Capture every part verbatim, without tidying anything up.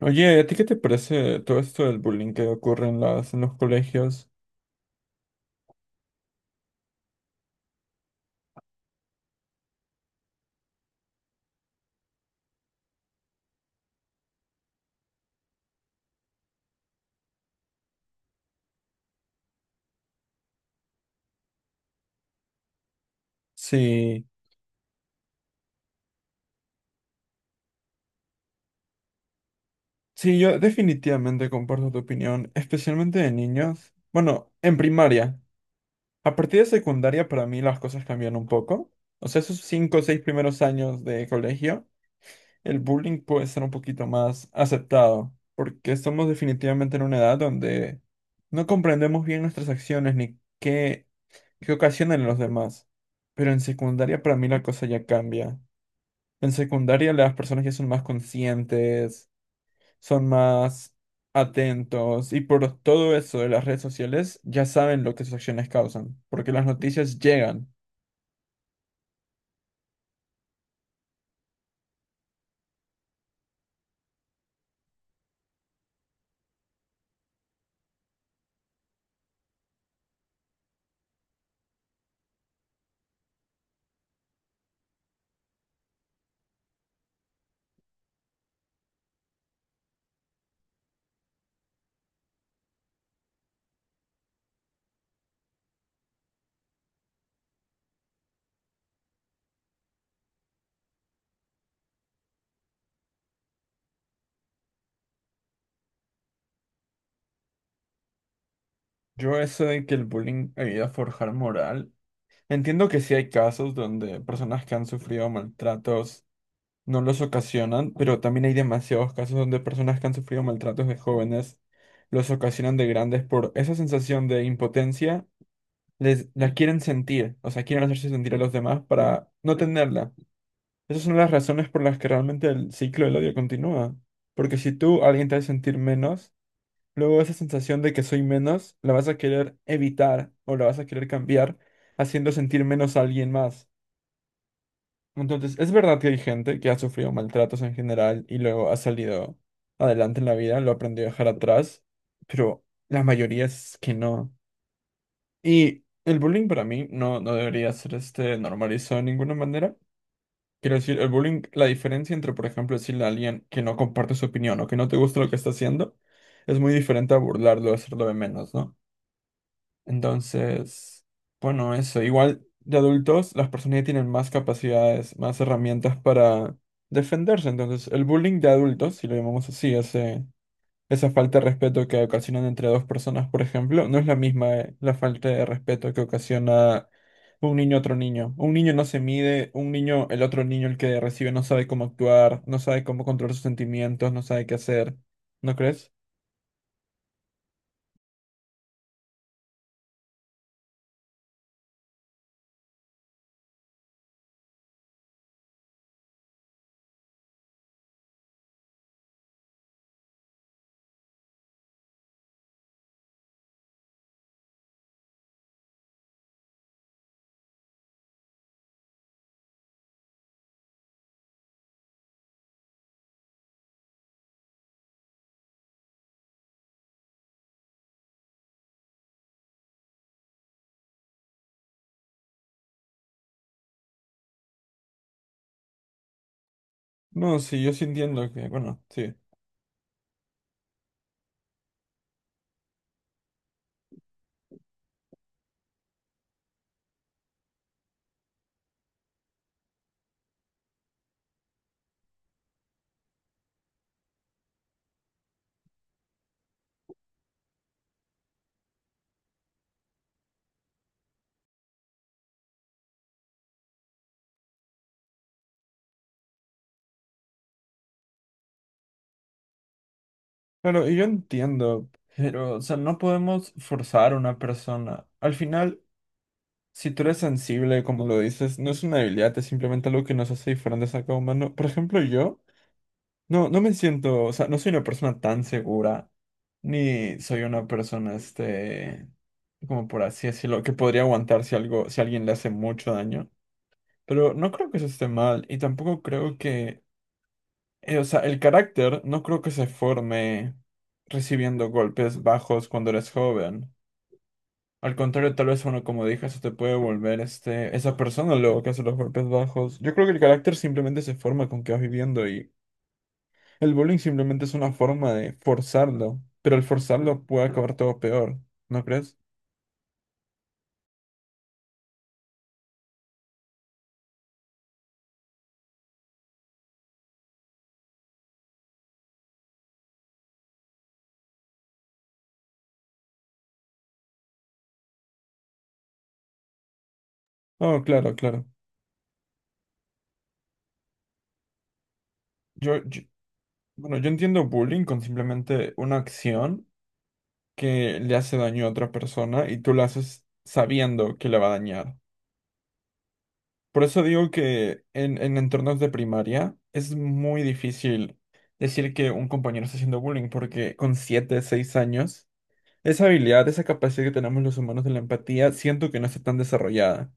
Oye, ¿a ti qué te parece todo esto del bullying que ocurre en las, en los colegios? Sí, sí, yo definitivamente comparto tu opinión, especialmente de niños. Bueno, en primaria. A partir de secundaria para mí las cosas cambian un poco. O sea, esos cinco o seis primeros años de colegio. El bullying puede ser un poquito más aceptado, porque estamos definitivamente en una edad donde no comprendemos bien nuestras acciones ni qué, qué ocasionan en los demás. Pero en secundaria para mí la cosa ya cambia. En secundaria las personas ya son más conscientes, son más atentos, y por todo eso de las redes sociales ya saben lo que sus acciones causan, porque las noticias llegan. Yo eso de que el bullying ayuda a forjar moral. Entiendo que sí hay casos donde personas que han sufrido maltratos no los ocasionan, pero también hay demasiados casos donde personas que han sufrido maltratos de jóvenes los ocasionan de grandes por esa sensación de impotencia, les la quieren sentir, o sea, quieren hacerse sentir a los demás para no tenerla. Esas son las razones por las que realmente el ciclo del odio continúa, porque si tú a alguien te hace sentir menos, luego esa sensación de que soy menos la vas a querer evitar o la vas a querer cambiar haciendo sentir menos a alguien más. Entonces, es verdad que hay gente que ha sufrido maltratos en general y luego ha salido adelante en la vida, lo aprendió a dejar atrás, pero la mayoría es que no. Y el bullying para mí no, no debería ser este normalizado de ninguna manera. Quiero decir, el bullying, la diferencia entre, por ejemplo, decirle a alguien que no comparte su opinión o que no te gusta lo que está haciendo, es muy diferente a burlarlo, hacerlo de menos, ¿no? Entonces, bueno, eso. Igual de adultos, las personas ya tienen más capacidades, más herramientas para defenderse. Entonces, el bullying de adultos, si lo llamamos así, ese, esa falta de respeto que ocasionan entre dos personas, por ejemplo, no es la misma eh, la falta de respeto que ocasiona un niño a otro niño. Un niño no se mide, un niño, el otro niño, el que recibe, no sabe cómo actuar, no sabe cómo controlar sus sentimientos, no sabe qué hacer. ¿No crees? No, sí, yo sí entiendo que, bueno, sí. Claro, y yo entiendo, pero, o sea, no podemos forzar a una persona. Al final, si tú eres sensible, como lo dices, no es una debilidad, es simplemente algo que nos hace diferentes a cada humano. Por ejemplo, yo no, no me siento, o sea, no soy una persona tan segura, ni soy una persona, este, como por así decirlo, que podría aguantar si algo, si alguien le hace mucho daño. Pero no creo que eso esté mal, y tampoco creo que eh, o sea, el carácter no creo que se forme recibiendo golpes bajos cuando eres joven. Al contrario, tal vez uno, como dije, se te puede volver este, esa persona luego que hace los golpes bajos. Yo creo que el carácter simplemente se forma con que vas viviendo, y el bullying simplemente es una forma de forzarlo, pero al forzarlo puede acabar todo peor, ¿no crees? Oh, claro, claro. Yo, yo- bueno, yo entiendo bullying con simplemente una acción que le hace daño a otra persona y tú la haces sabiendo que le va a dañar. Por eso digo que en en entornos de primaria es muy difícil decir que un compañero está haciendo bullying, porque con siete seis años, esa habilidad, esa capacidad que tenemos los humanos de la empatía, siento que no está tan desarrollada.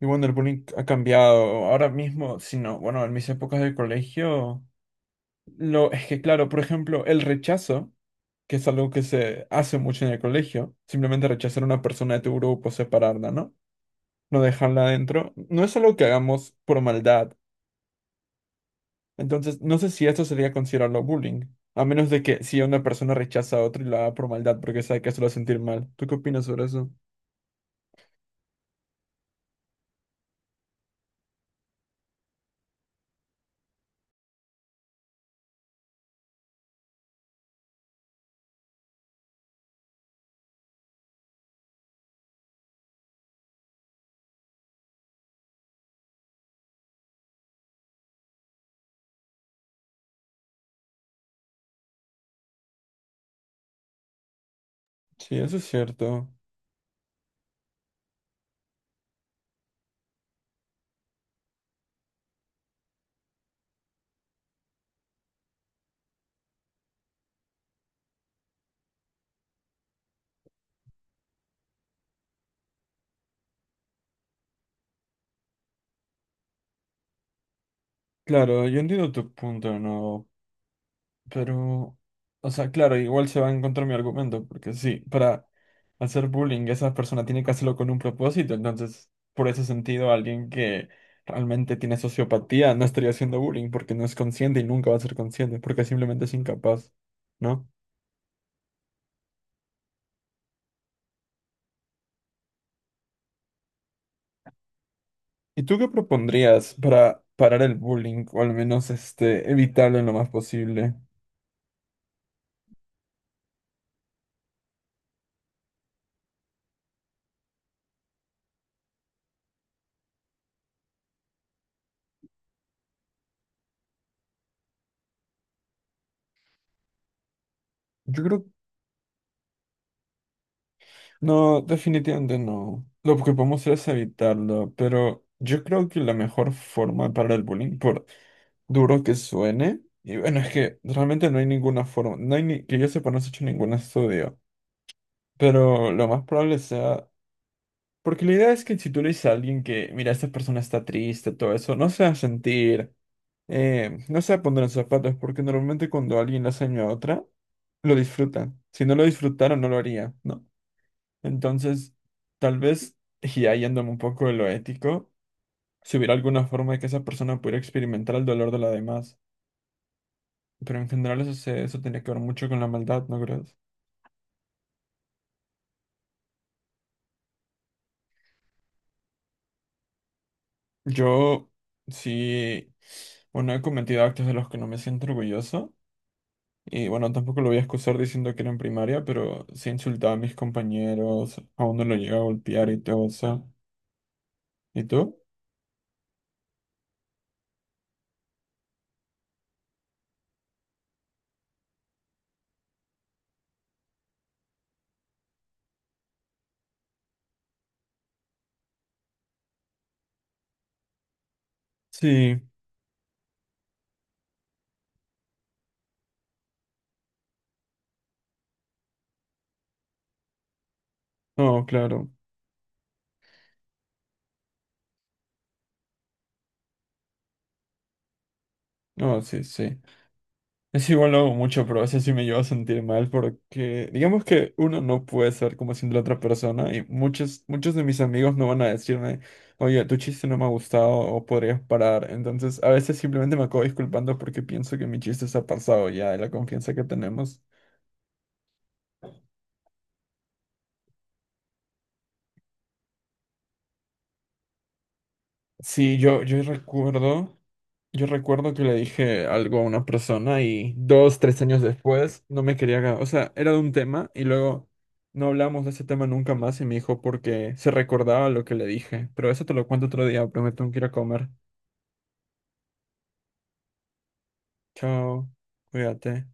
Y bueno, el bullying ha cambiado. Ahora mismo, si no, bueno, en mis épocas de colegio, lo, es que claro, por ejemplo, el rechazo, que es algo que se hace mucho en el colegio, simplemente rechazar a una persona de tu grupo, separarla, ¿no? No dejarla adentro, no es algo que hagamos por maldad. Entonces, no sé si esto sería considerarlo bullying, a menos de que si una persona rechaza a otro y la haga por maldad porque sabe que eso lo va a sentir mal. ¿Tú qué opinas sobre eso? Sí, eso es cierto. Claro, yo entiendo tu punto, ¿no? Pero, o sea, claro, igual se va a encontrar mi argumento, porque sí, para hacer bullying esa persona tiene que hacerlo con un propósito, entonces, por ese sentido, alguien que realmente tiene sociopatía no estaría haciendo bullying porque no es consciente y nunca va a ser consciente, porque simplemente es incapaz, ¿no? ¿Y tú qué propondrías para parar el bullying o al menos este evitarlo en lo más posible? Yo creo, no, definitivamente no. Lo que podemos hacer es evitarlo, pero yo creo que la mejor forma de parar el bullying, por duro que suene, y bueno, es que realmente no hay ninguna forma, no hay ni, que yo sepa, no se ha hecho ningún estudio, pero lo más probable sea, porque la idea es que si tú le dices a alguien que, mira, esta persona está triste, todo eso, no se va a sentir eh, no se va a poner en sus zapatos, porque normalmente cuando alguien le hace daño a otra, lo disfrutan. Si no lo disfrutara, no lo haría, ¿no? Entonces, tal vez, y ahí yéndome un poco de lo ético, si hubiera alguna forma de que esa persona pudiera experimentar el dolor de la demás. Pero en general eso, se, eso tenía que ver mucho con la maldad, ¿no crees? Yo sí, bueno, he cometido actos de los que no me siento orgulloso. Y bueno, tampoco lo voy a excusar diciendo que era en primaria, pero sí insultaba a mis compañeros, a uno lo llegaba a golpear y todo eso. ¿Y tú? Sí, no, claro. No, sí, sí. Es igual lo hago mucho, pero a veces sí me llevo a sentir mal porque digamos que uno no puede ser como siendo la otra persona y muchos, muchos de mis amigos no van a decirme, oye, tu chiste no me ha gustado o podrías parar. Entonces a veces simplemente me acabo disculpando porque pienso que mi chiste se ha pasado ya de la confianza que tenemos. Sí, yo, yo recuerdo, yo recuerdo que le dije algo a una persona y dos, tres años después no me quería, ga- o sea, era de un tema y luego no hablamos de ese tema nunca más y me dijo porque se recordaba lo que le dije. Pero eso te lo cuento otro día, prometo que ir a comer. Chao, cuídate.